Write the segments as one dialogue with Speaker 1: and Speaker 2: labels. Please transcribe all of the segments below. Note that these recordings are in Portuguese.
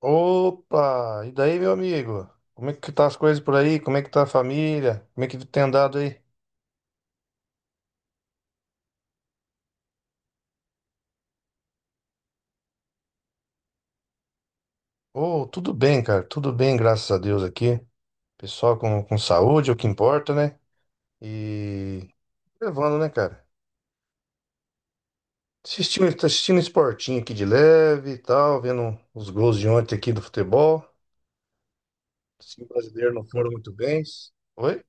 Speaker 1: Opa! E daí, meu amigo? Como é que tá as coisas por aí? Como é que tá a família? Como é que tem andado aí? Oh, tudo bem, cara. Tudo bem, graças a Deus aqui. Pessoal com saúde, é o que importa, né? E levando, né, cara? Assistindo, tá assistindo esportinho aqui de leve e tal, vendo os gols de ontem aqui do futebol. Sim, brasileiro não foram muito bem. Oi?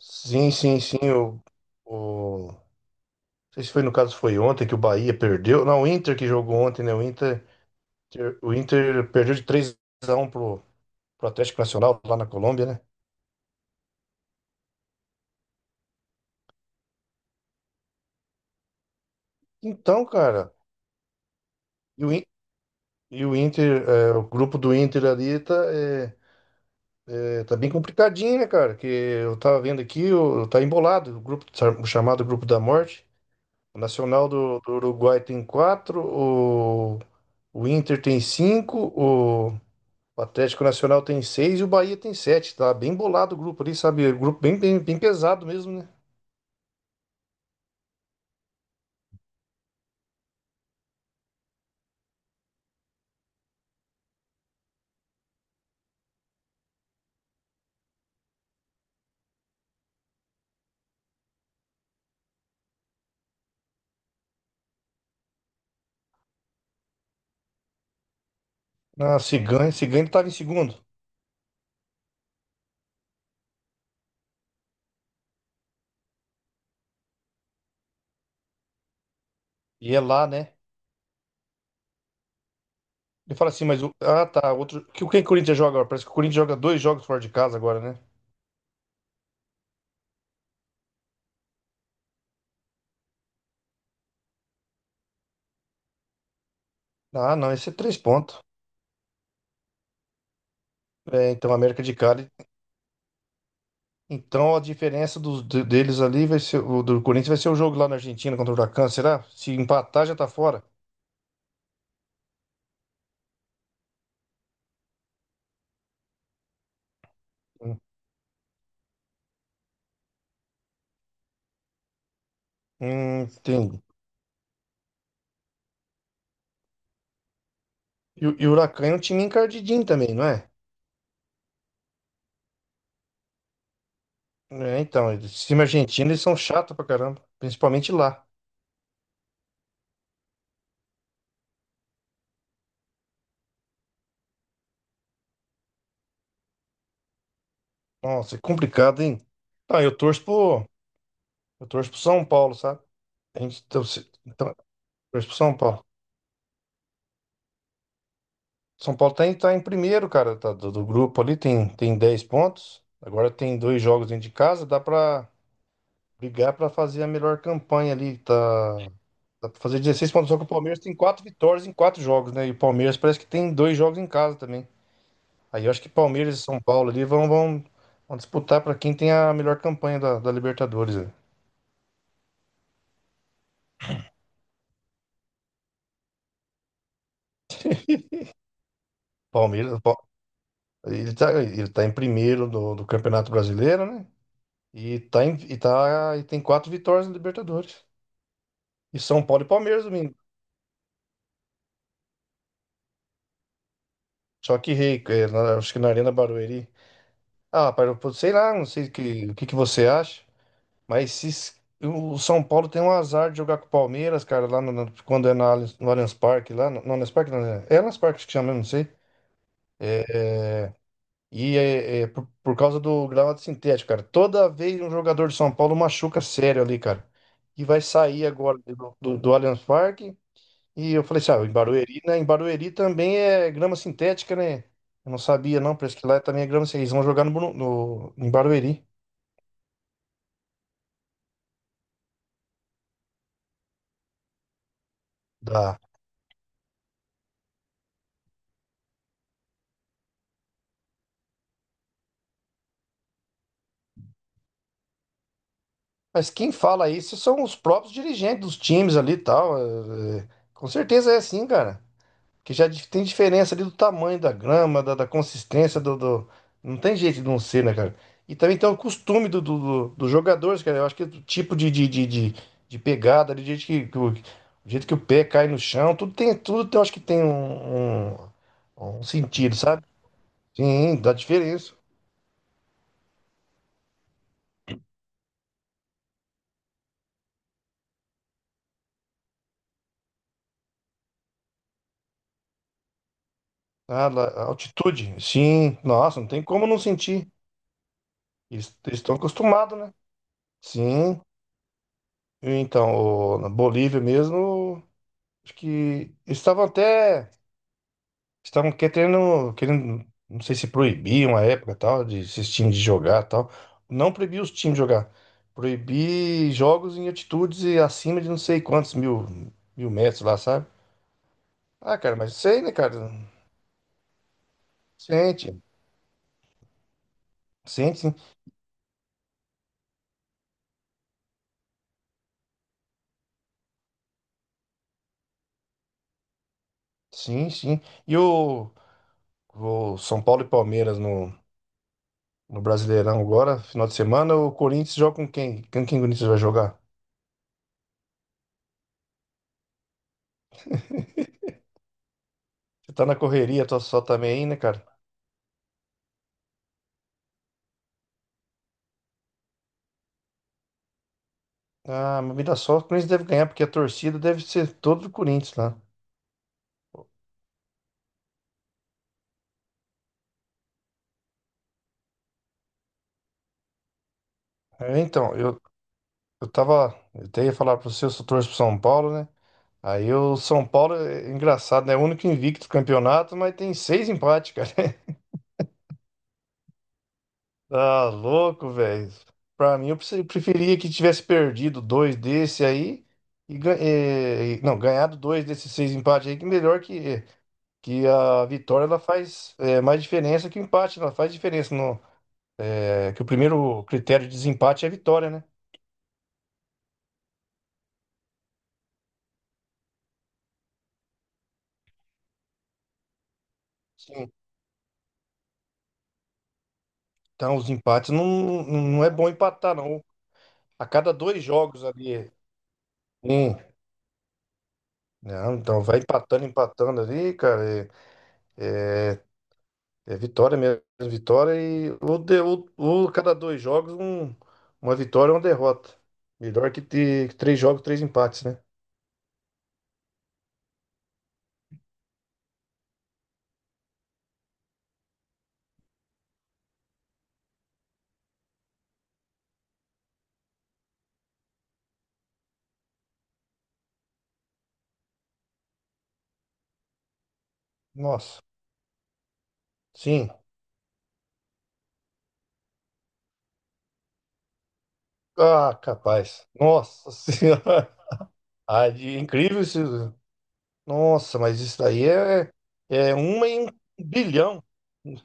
Speaker 1: Sim, sim, sim. Não sei se foi no caso foi ontem que o Bahia perdeu. Não, o Inter que jogou ontem, né? O Inter. O Inter perdeu de 3-1 pro Atlético Nacional lá na Colômbia, né? Então, cara, e o, In- e o Inter, o grupo do Inter ali tá, tá bem complicadinho, né, cara? Que eu tava vendo aqui, tá embolado, o grupo, o chamado Grupo da Morte. O Nacional do Uruguai tem quatro, o Inter tem cinco, o Atlético Nacional tem 6 e o Bahia tem sete. Tá bem bolado o grupo ali, sabe? Grupo bem, bem, bem pesado mesmo, né? Na Ciganha, Ciganha ele tava em segundo. E é lá, né? Ele fala assim, mas o. Ah, tá. Outro. Que o Corinthians joga agora? Parece que o Corinthians joga dois jogos fora de casa agora, né? Ah, não, esse é três pontos. É, então, América de Cali. Então a diferença deles ali vai ser. O do Corinthians vai ser o jogo lá na Argentina contra o Huracan, será? Se empatar, já tá fora. Hum, entendi. E, e o Huracan é um time encardidinho também, não é? É, então, time argentino, eles são chatos pra caramba. Principalmente lá. Nossa, é complicado, hein? Ah, Eu torço pro São Paulo, sabe? A gente- Então, se- então, Torço pro São Paulo. São Paulo tá em primeiro, cara, tá, do grupo ali, tem 10 pontos. Agora tem dois jogos dentro de casa, dá pra brigar pra fazer a melhor campanha ali. Tá, dá pra fazer 16 pontos, só que o Palmeiras tem quatro vitórias em quatro jogos, né? E o Palmeiras parece que tem dois jogos em casa também. Aí eu acho que Palmeiras e São Paulo ali vão, vão disputar pra quem tem a melhor campanha da Libertadores, né? Palmeiras, ele tá em primeiro do Campeonato Brasileiro, né? E tem quatro vitórias na Libertadores. E São Paulo e Palmeiras domingo. Só que rei, acho que na Arena Barueri. Ah, para eu sei lá, não sei o que que você acha, mas se, s- o São Paulo tem um azar de jogar com o Palmeiras, cara, lá quando é na, no Allianz Parque, lá, no Allianz Parque, não, é Allianz Parque acho que chama, eu não sei. E é por causa do gramado sintético, cara. Toda vez um jogador de São Paulo machuca sério ali, cara. E vai sair agora do Allianz Parque. E eu falei assim, ah, em Barueri, né? Em Barueri também é grama sintética, né? Eu não sabia, não, parece que lá também é grama sintética. Eles vão jogar no, em Barueri. Dá. Mas quem fala isso são os próprios dirigentes dos times ali e tal. é, é. Com certeza é assim, cara. Que já tem diferença ali do tamanho da grama, da consistência Não tem jeito de não ser, né, cara? E também tem o costume dos jogadores, cara. Eu acho que o tipo de pegada, ali, que o jeito que o pé cai no chão, tudo tem, eu acho que tem um sentido, sabe? Sim, dá diferença. Ah, lá, a altitude, sim. Nossa, não tem como não sentir. Eles estão acostumados, né? Sim. Então, na Bolívia mesmo, acho que eles estavam até. Estavam querendo, não sei se proibiam a época tal, de esses times de jogar tal. Não proibir os times de jogar. Proibir jogos em altitudes e acima de não sei quantos mil metros lá, sabe? Ah, cara, mas sei, né, cara? Sente, sente, sim. Sim, sim. E o São Paulo e Palmeiras no Brasileirão agora, final de semana, o Corinthians joga com quem? Com quem o Corinthians vai jogar? Você tá na correria, tá só também aí, né, cara? Ah, mas Mirassol, o Corinthians deve ganhar, porque a torcida deve ser toda do Corinthians lá. É, então, eu tava. Eu até ia falar pra você, eu sou torço pro São Paulo, né? Aí o São Paulo é engraçado, né? É o único invicto do campeonato, mas tem seis empates, cara. Tá louco, velho. Pra mim, preferia que tivesse perdido dois desse aí e, gan- eh, e- não, ganhado dois desses seis empates aí, que melhor que a vitória ela faz mais diferença que o empate, ela faz diferença. É que o primeiro critério de desempate é a vitória, né? Sim. Então, os empates não, não é bom empatar, não. A cada dois jogos ali, um. Não, então vai empatando, empatando ali, cara. É, é, é vitória mesmo, vitória ou cada dois jogos, um, uma vitória ou uma derrota. Melhor que ter três jogos, três empates, né? Nossa, sim. Ah, capaz. Nossa senhora. Ah, de incrível isso. Nossa, mas isso daí é uma em um bilhão.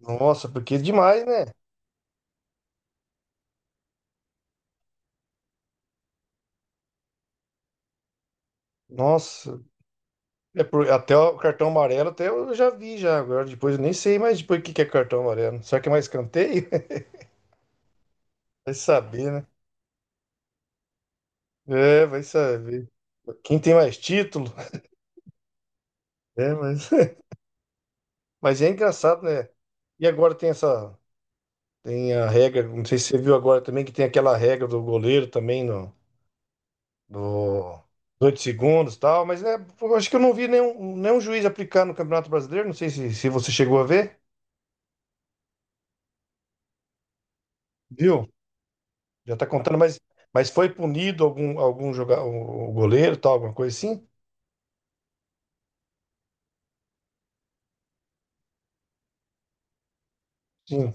Speaker 1: Nossa, porque é demais, né? Nossa, até o cartão amarelo até eu já vi já agora. Depois eu nem sei mais depois o que que é cartão amarelo. Será que é mais escanteio? Vai saber, né? É, vai saber. Quem tem mais título? É, mas, mas é engraçado, né? E agora tem essa, tem a regra, não sei se você viu agora também que tem aquela regra do goleiro também no, do, dos segundos e tal, mas é, eu acho que eu não vi nenhum juiz aplicar no Campeonato Brasileiro, não sei se você chegou a ver, viu? Já tá contando, mas foi punido algum jogador, o goleiro, e tal, alguma coisa assim? Sim.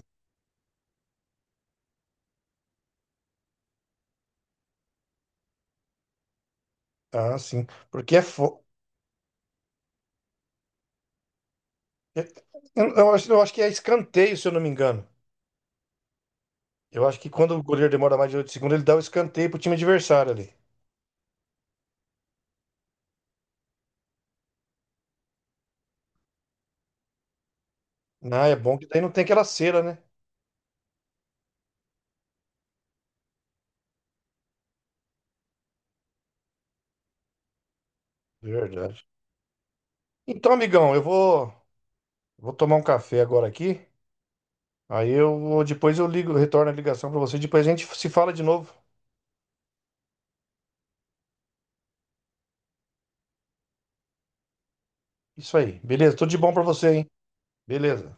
Speaker 1: Ah, sim. Porque é. Fo... é- eu acho que é escanteio, se eu não me engano. Eu acho que quando o goleiro demora mais de 8 segundos, ele dá o escanteio pro time adversário ali. Ah, é bom que daí não tem aquela cera, né? Verdade. Então, amigão, eu vou tomar um café agora aqui. Aí depois eu ligo, retorno a ligação pra você, depois a gente se fala de novo. Isso aí. Beleza, tudo de bom pra você, hein? Beleza.